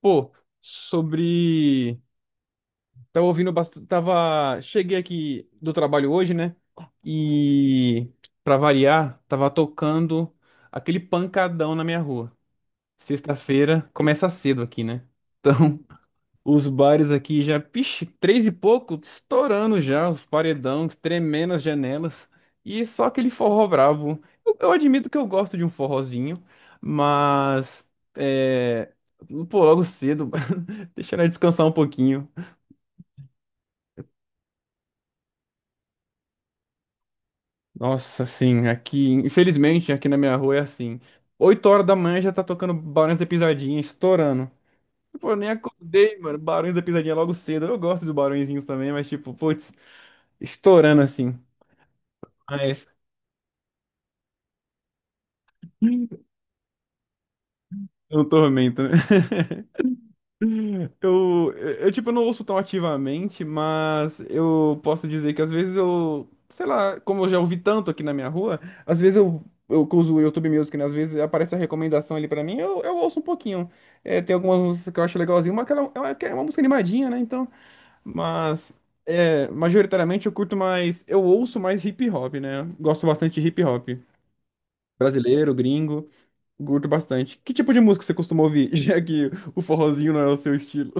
Pô, sobre. Tava ouvindo bastante. Tava. Cheguei aqui do trabalho hoje, né? E, pra variar, tava tocando aquele pancadão na minha rua. Sexta-feira, começa cedo aqui, né? Os bares aqui já, pixe, três e pouco, estourando já, os paredões tremendo as janelas. E só aquele forró brabo. Eu admito que eu gosto de um forrozinho, mas. É. Pô, logo cedo, deixa ela descansar um pouquinho. Nossa, assim, aqui, infelizmente, aqui na minha rua é assim. 8 horas da manhã já tá tocando Barões da Pisadinha, estourando. Pô, eu nem acordei, mano. Barões da Pisadinha logo cedo. Eu gosto dos Barõezinhos também, mas tipo, putz, estourando assim. O tormento, né? Tipo, eu não ouço tão ativamente, mas eu posso dizer que às vezes eu, sei lá, como eu já ouvi tanto aqui na minha rua, às vezes eu que uso o YouTube Music, né? Às vezes aparece a recomendação ali pra mim, eu ouço um pouquinho. É, tem algumas músicas que eu acho legalzinho, mas aquela, é uma, que é uma música animadinha, né? Então, mas, é, majoritariamente eu curto mais, eu ouço mais hip hop, né? Gosto bastante de hip hop. Brasileiro, gringo. Curto bastante. Que tipo de música você costuma ouvir, já que o forrozinho não é o seu estilo?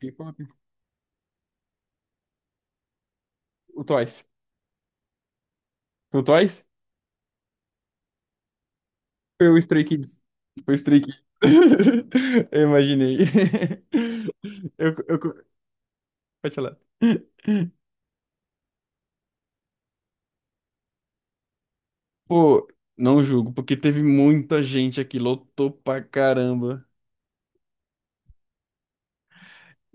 K-pop? O Twice. O Twice? Foi o Stray Kids. Foi o Stray Kids. Eu imaginei. Eu, eu, pode falar. Pô, não julgo, porque teve muita gente aqui, lotou pra caramba.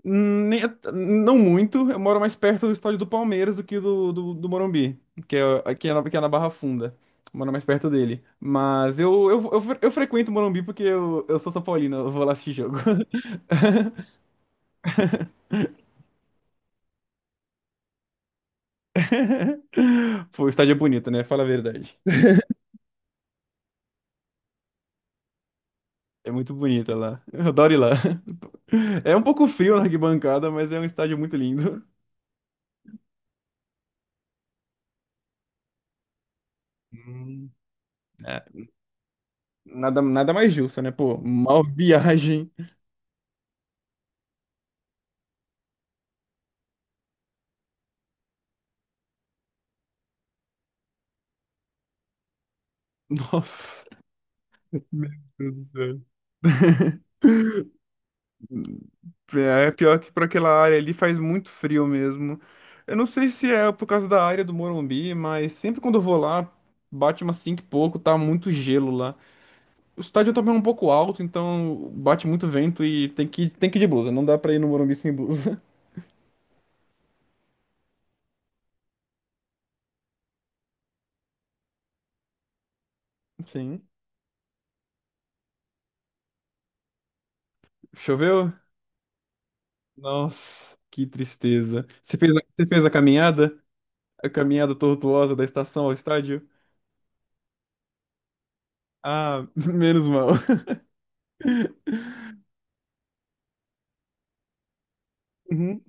Nem- Não muito, eu moro mais perto do estádio do Palmeiras do que do Morumbi, que é na Barra Funda. Eu moro mais perto dele. Mas eu frequento o Morumbi porque eu sou São Paulino, eu vou lá assistir jogo. Pô, o estádio é bonito, né? Fala a verdade. É muito bonita lá. Eu adoro ir lá. É um pouco frio na arquibancada, mas é um estádio muito lindo. Hum. É, nada, nada mais justo, né? Pô, mal viagem. Nossa. Meu Deus do céu. É pior que para aquela área ali faz muito frio mesmo. Eu não sei se é por causa da área do Morumbi, mas sempre quando eu vou lá, bate umas 5 e pouco, tá muito gelo lá. O estádio também é um pouco alto, então bate muito vento e tem que ir de blusa. Não dá pra ir no Morumbi sem blusa. Sim. Choveu? Nossa, que tristeza. Você fez a caminhada? A caminhada tortuosa da estação ao estádio? Ah, menos mal.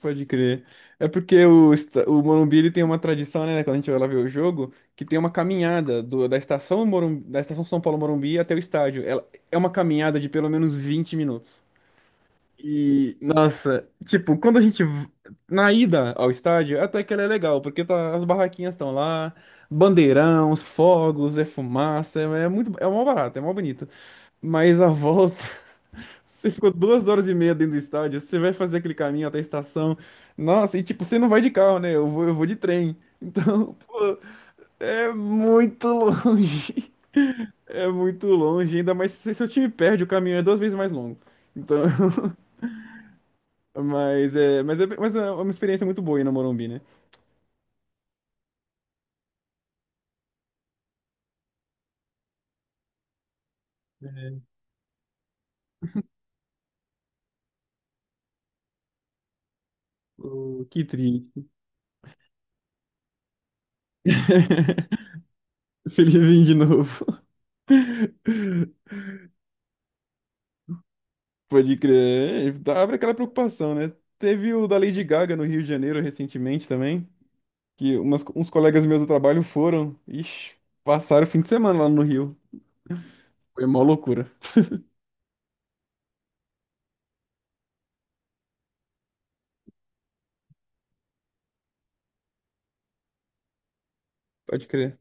Pode crer. É porque o Morumbi ele tem uma tradição, né? Quando a gente vai lá ver o jogo, que tem uma caminhada da estação Morumbi, da estação São Paulo Morumbi até o estádio. Ela, é uma caminhada de pelo menos 20 minutos. E, nossa, tipo, quando a gente. V- na ida ao estádio, até que ela é legal, porque tá, as barraquinhas estão lá, bandeirão, os fogos, é fumaça, é muito. É mó barato, é mó bonito. Mas a volta. Você ficou 2 horas e meia dentro do estádio, você vai fazer aquele caminho até a estação. Nossa, e tipo, você não vai de carro, né? Eu vou de trem. Então, pô, é muito longe. É muito longe, ainda mais se seu time perde, o caminho é duas vezes mais longo. Então, mas é uma experiência muito boa ir no Morumbi, né? É, pô, que triste. Felizinho de novo. Pode crer. É, abre aquela preocupação, né? Teve o da Lady Gaga no Rio de Janeiro recentemente também, que uns colegas meus do trabalho foram. Ixi, passaram o fim de semana lá no Rio. Foi uma loucura. Pode crer.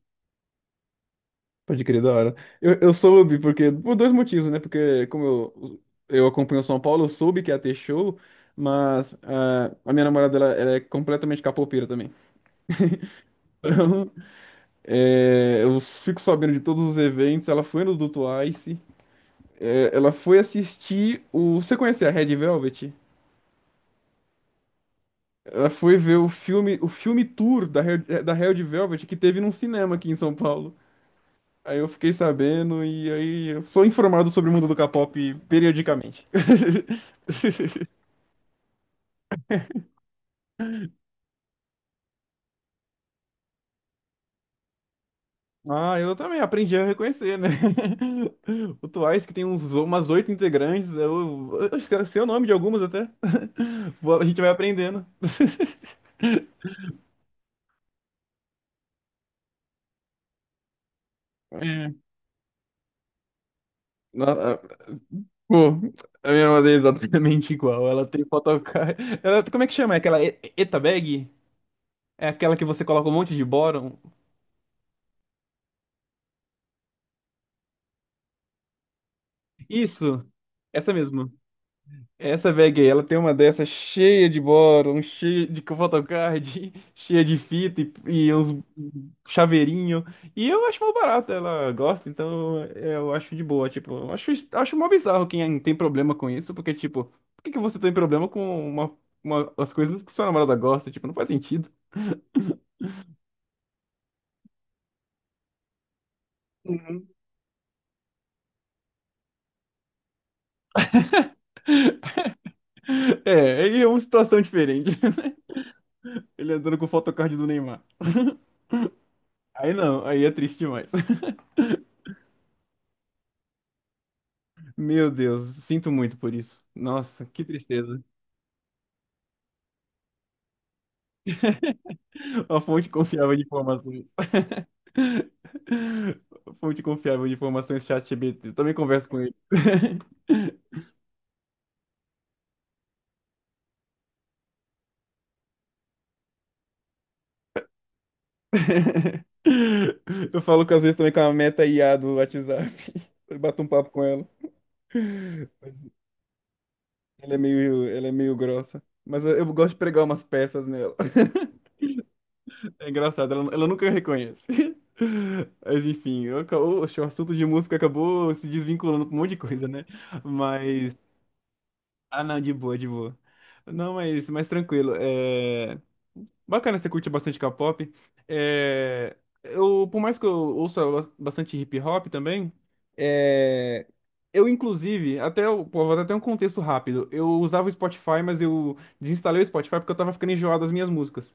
Pode crer, da hora. Eu soube, porque, por dois motivos, né? Porque eu acompanho São Paulo, eu soube que ia ter show, mas ah, a minha namorada, ela é completamente capoeira também. Então, é, eu fico sabendo de todos os eventos. Ela foi no do Twice. É, ela foi assistir o. Você conhece a Red Velvet? Ela foi ver o filme tour da Red Velvet que teve num cinema aqui em São Paulo. Aí eu fiquei sabendo e aí eu sou informado sobre o mundo do K-pop periodicamente. Ah, eu também aprendi a reconhecer, né? O Twice, umas 8 integrantes, eu sei o nome de algumas até. Vou- A gente vai aprendendo. É. Na- Pô, a minha mãe é exatamente igual. Ela tem photocard. Ela, como é que chama? É aquela Eta bag? É aquela que você coloca um monte de bóron? Isso! Essa mesmo. Essa bag aí, ela tem uma dessa cheia de bóron, cheia de photocard, cheia de fita e uns chaveirinho. E eu acho mó barato, ela gosta, então é, eu acho de boa. Tipo, eu acho mó bizarro quem tem problema com isso, porque, tipo, por que que você tem problema com as coisas que sua namorada gosta? Tipo, não faz sentido. Uhum. É, aí é uma situação diferente, né? Ele andando com o photocard do Neymar. Aí não, aí é triste demais. Meu Deus, sinto muito por isso. Nossa, que tristeza. A fonte confiável de informações. Fonte confiável de informações, ChatGPT. Também converso com ele. Eu falo que às vezes também com a Meta IA do WhatsApp. Eu bato um papo com ela. Ela é meio grossa. Mas eu gosto de pregar umas peças nela. É engraçado, ela nunca reconhece. Mas enfim, oxe, o assunto de música acabou se desvinculando com um monte de coisa, né? Mas. Ah, não, de boa, de boa. Não, mas tranquilo. É... Bacana, você curte bastante K-pop. É... Eu, por mais que eu ouça bastante hip hop também. É, eu, inclusive, até, pô, vou dar até um contexto rápido. Eu usava o Spotify, mas eu desinstalei o Spotify porque eu tava ficando enjoado das minhas músicas.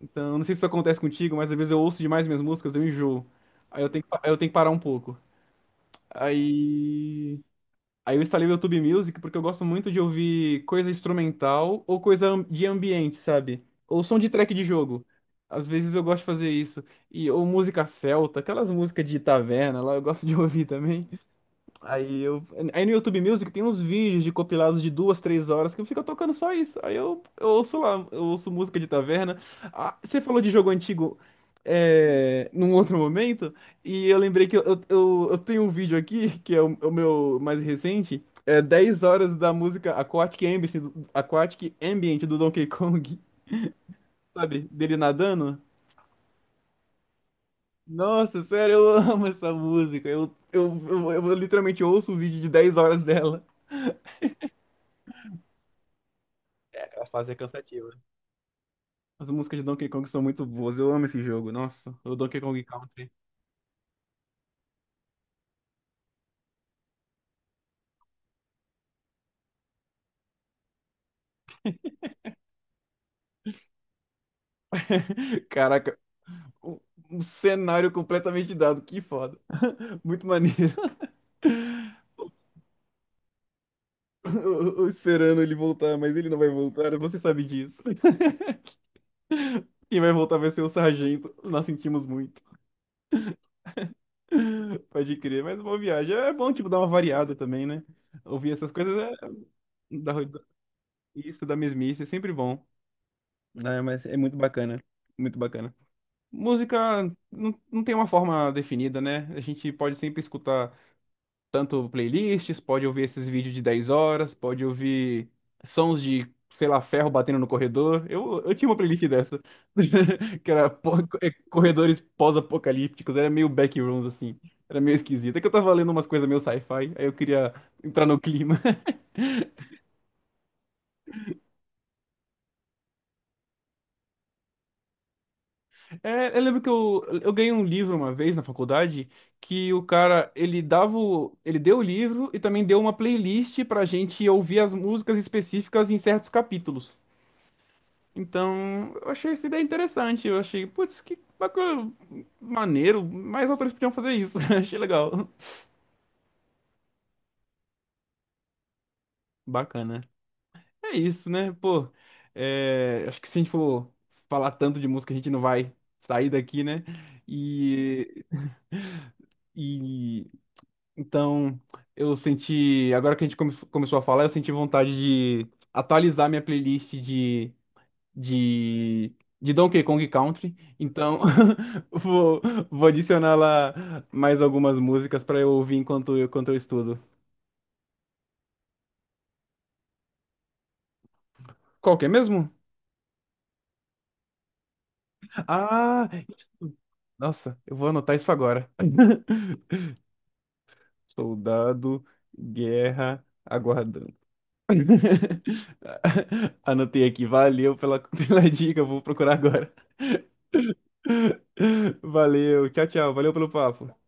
Então, não sei se isso acontece contigo, mas às vezes eu ouço demais minhas músicas, eu enjoo. Aí eu tenho que parar um pouco. Aí. Aí eu instalei o YouTube Music porque eu gosto muito de ouvir coisa instrumental ou de ambiente, sabe? Ou som de track de jogo. Às vezes eu gosto de fazer isso. E, ou música celta, aquelas músicas de taverna lá, eu gosto de ouvir também. Aí eu. Aí no YouTube Music tem uns vídeos de compilados de 2, 3 horas que eu fico tocando só isso. Aí eu ouço lá, eu ouço música de taverna. Ah, você falou de jogo antigo é, num outro momento, e eu lembrei que eu tenho um vídeo aqui, que é o meu mais recente, é 10 horas da música Aquatic Ambient, Aquatic Ambient do Donkey Kong, sabe? Dele nadando. Nossa, sério, eu amo essa música. Eu literalmente ouço o vídeo de 10 horas dela. É, aquela fase é cansativa. As músicas de Donkey Kong são muito boas. Eu amo esse jogo. Nossa, o Donkey Kong Country. Caraca, um, um cenário completamente dado. Que foda. Muito maneiro. Eu esperando ele voltar, mas ele não vai voltar. Você sabe disso. Quem vai voltar vai ser o Sargento. Nós sentimos muito. Pode crer. Mas uma viagem é bom, tipo, dar uma variada também, né? Ouvir essas coisas é... da- isso, da mesmice, é sempre bom. Né? Mas é muito bacana. Muito bacana. Música não tem uma forma definida, né? A gente pode sempre escutar tanto playlists, pode ouvir esses vídeos de 10 horas, pode ouvir sons de, sei lá, ferro batendo no corredor. Eu tinha uma playlist dessa, é, corredores pós-apocalípticos, era meio backrooms, assim. Era meio esquisito. É que eu tava lendo umas coisas meio sci-fi, aí eu queria entrar no clima. É, eu lembro que eu ganhei um livro uma vez na faculdade que ele ele deu o livro e também deu uma playlist pra gente ouvir as músicas específicas em certos capítulos. Então, eu achei essa ideia interessante. Eu achei, putz, que bacana, maneiro, mais autores podiam fazer isso. Achei legal. Bacana. É isso, né? Pô, é, acho que se a gente for falar tanto de música, a gente não vai sair daqui, né? E, e então, eu senti. Agora que começou a falar, eu senti vontade de atualizar minha playlist de, de Donkey Kong Country. Então, vou, vou adicionar lá mais algumas músicas para eu ouvir enquanto eu estudo. Qual que é mesmo? Ah, isso. Nossa, eu vou anotar isso agora. Soldado, guerra, aguardando. Anotei aqui, valeu pela, pela dica, vou procurar agora. Valeu, tchau, tchau, valeu pelo papo.